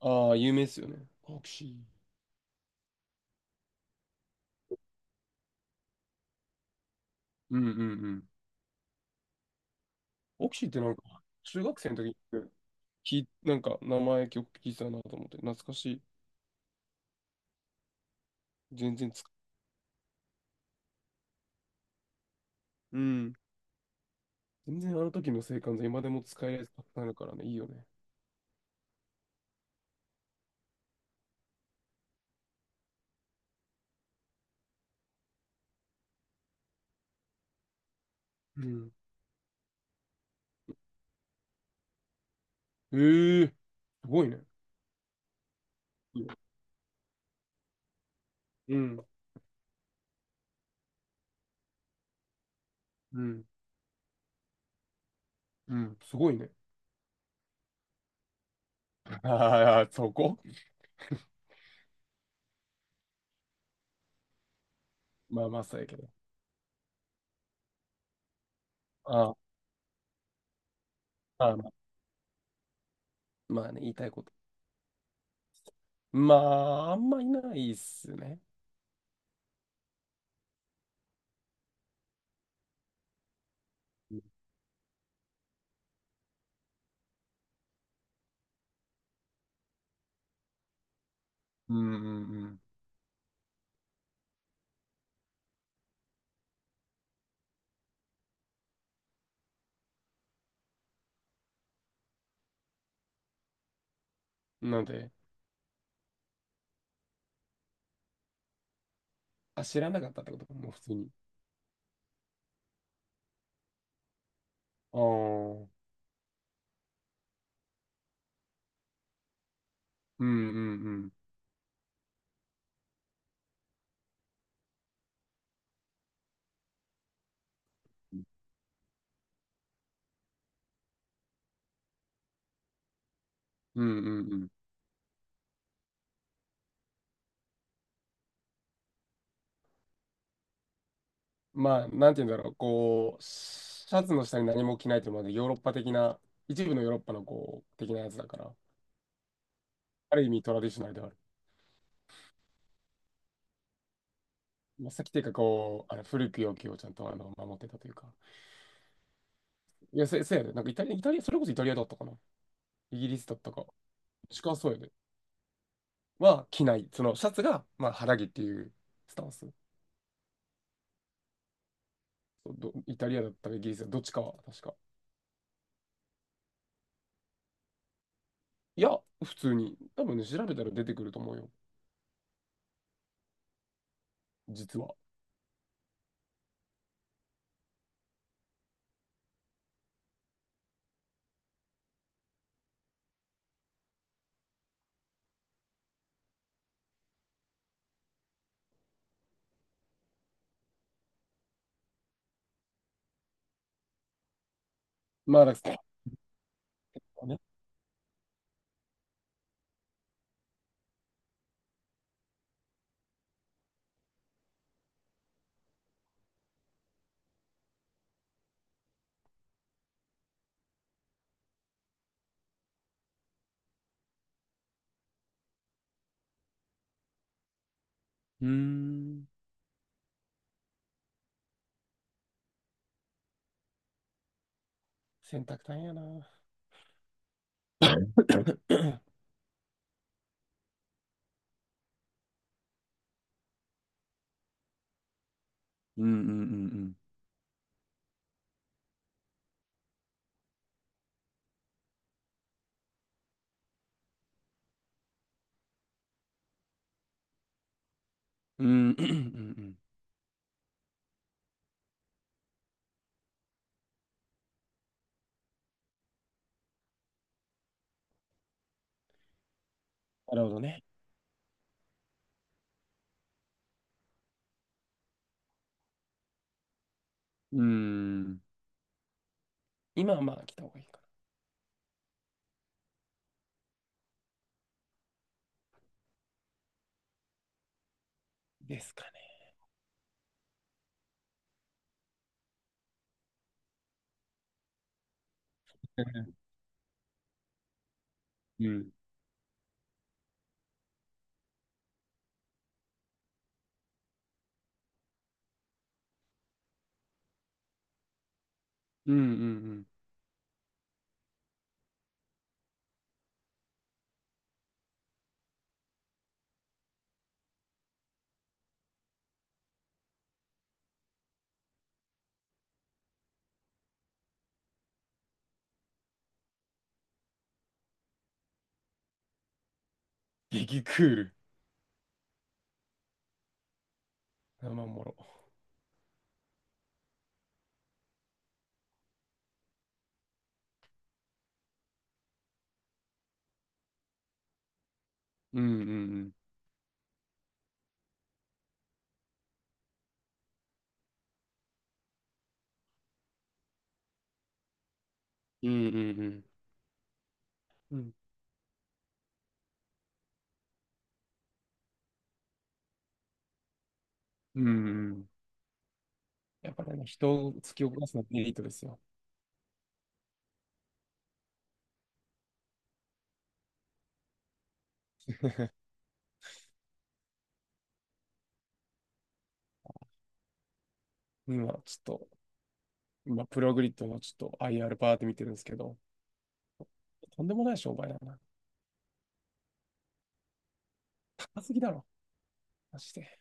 ああ、有名ですよね。オクシー。うんうんうん。オクシーってなんか、中学生の時になんか名前曲聞いてたなと思って、懐かしい。全然使う、うん。全然あの時の青函図、今でも使えるやつたくさんあるからね、いいよね。うん。ええー、すごいね。いいよ。うん、うん、うん、すごいね。ああ、そこ。まあまあ、そうやけど。ああ、まあまあ、まあね、言いたいこと。まあ、あんまいないっすね。うん、うん、うん。うん、なんで。あ、知らなかったってことか、もう普通に。ああ、うんうんうん。うんうんうん。まあ、なんて言うんだろう、こう、シャツの下に何も着ないという、まで、ヨーロッパ的な、一部のヨーロッパのこう、的なやつだから、ある意味トラディショナルではある。まあ、さっきというか、こう、あの古き良きをちゃんとあの守ってたというか。いや、せやで、なんかイタリア、イタリア、それこそイタリアだったかな。イギリスだったか。近そうやで。は、着ない。その、シャツが、まあ、肌着っていうスタンス。そうど、イタリアだったかイギリスだったかどっちかは、確か。いや、普通に。多分ね、調べたら出てくると思うよ。実は。まあ、だからね。うーん。洗濯大変やな。うんうんうんうんうん。うんうんうん。なるほどね。うんん。今はまあ来た方がいいかな。ですかね。うんうんうんうん。激クール。生もろ。うんうんうん。うんうんうん。うん。うんうん。やっぱりね、人を突き起こすのはメリットですよ。今、ちょっと、今、プログリッドのちょっと IR パーって見てるんですけど、とんでもない商売だな。高すぎだろ。マジで。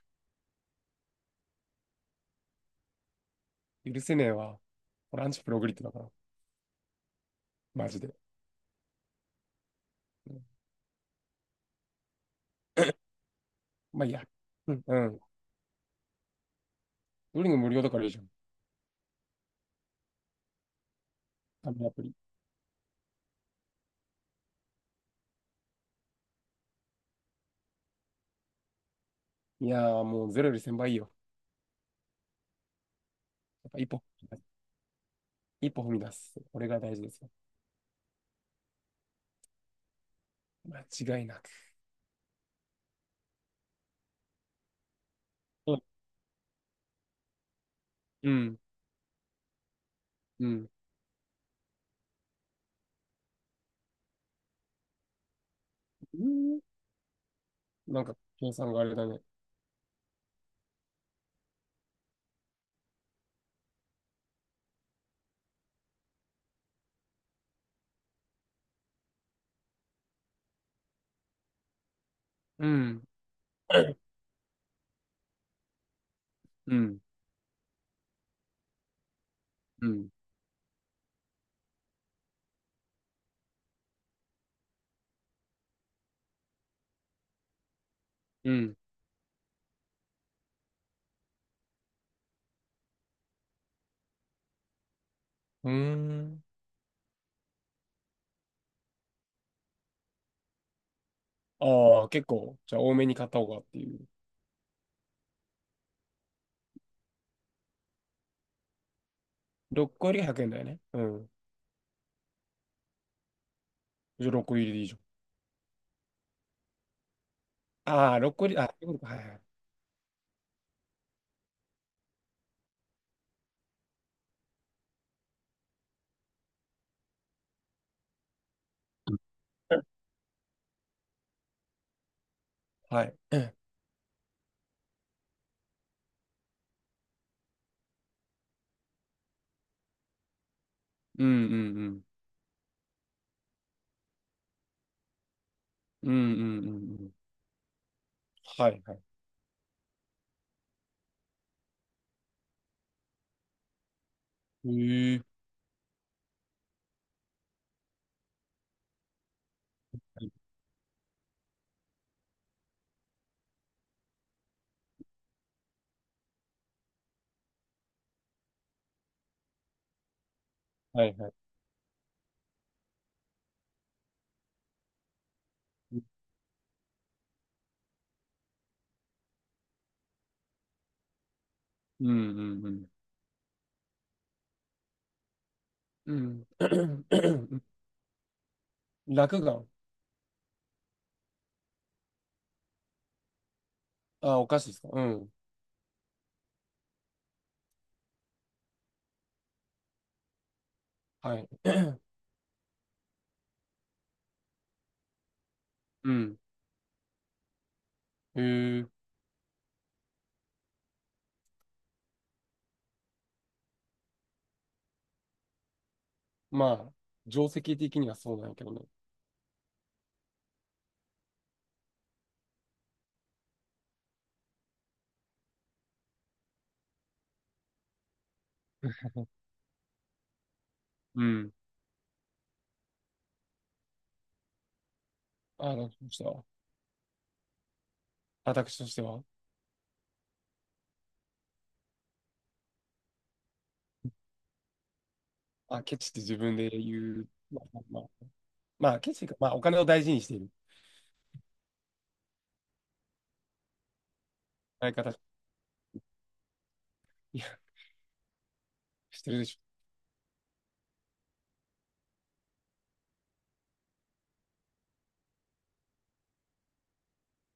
許せねえわ。こラアンチプログリッドだから。マジで。うん、まあいいや。うん。うん。ドリング無料だからいいじゃん。ダメアプリ。いやーもうゼロより1000倍いいいよ。やっぱ一歩。一歩踏み出す。これが大事ですよ。間違いなく。うん。うん。うん。なんか、計算があれだね。うん。うん。うん。うん。うーん。ああ、結構、じゃあ多めに買った方がっていう。6個入りが100円だよね。うん。じゃあ6個入りでいいじゃん。ああ、6個入り、あ、そういうことか、はいはい。はい。うんうんうん。うんうんうんうん。はいはい。へえ。はいはい。うんうんうん。うん。落雁。あ、お菓子ですか。うん。はい。うん。へえ。まあ、定石的にはそうなんやけどね。うん。あ、どうしては。私としては。あ、ケチって自分で言う。まあ、まあ、まあケチか。まあ、お金を大事にしている。相方、いや、してるでしょ。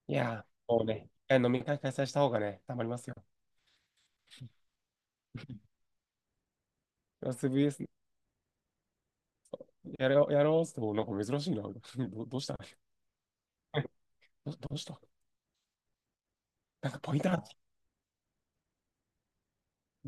いや、もうね、一回飲み会開催した方がね、たまりますよ。s ラ VS。 やろう、やろうって言っても、なんか珍しいな。ど、どうした。 ど、どうした。なんかポインター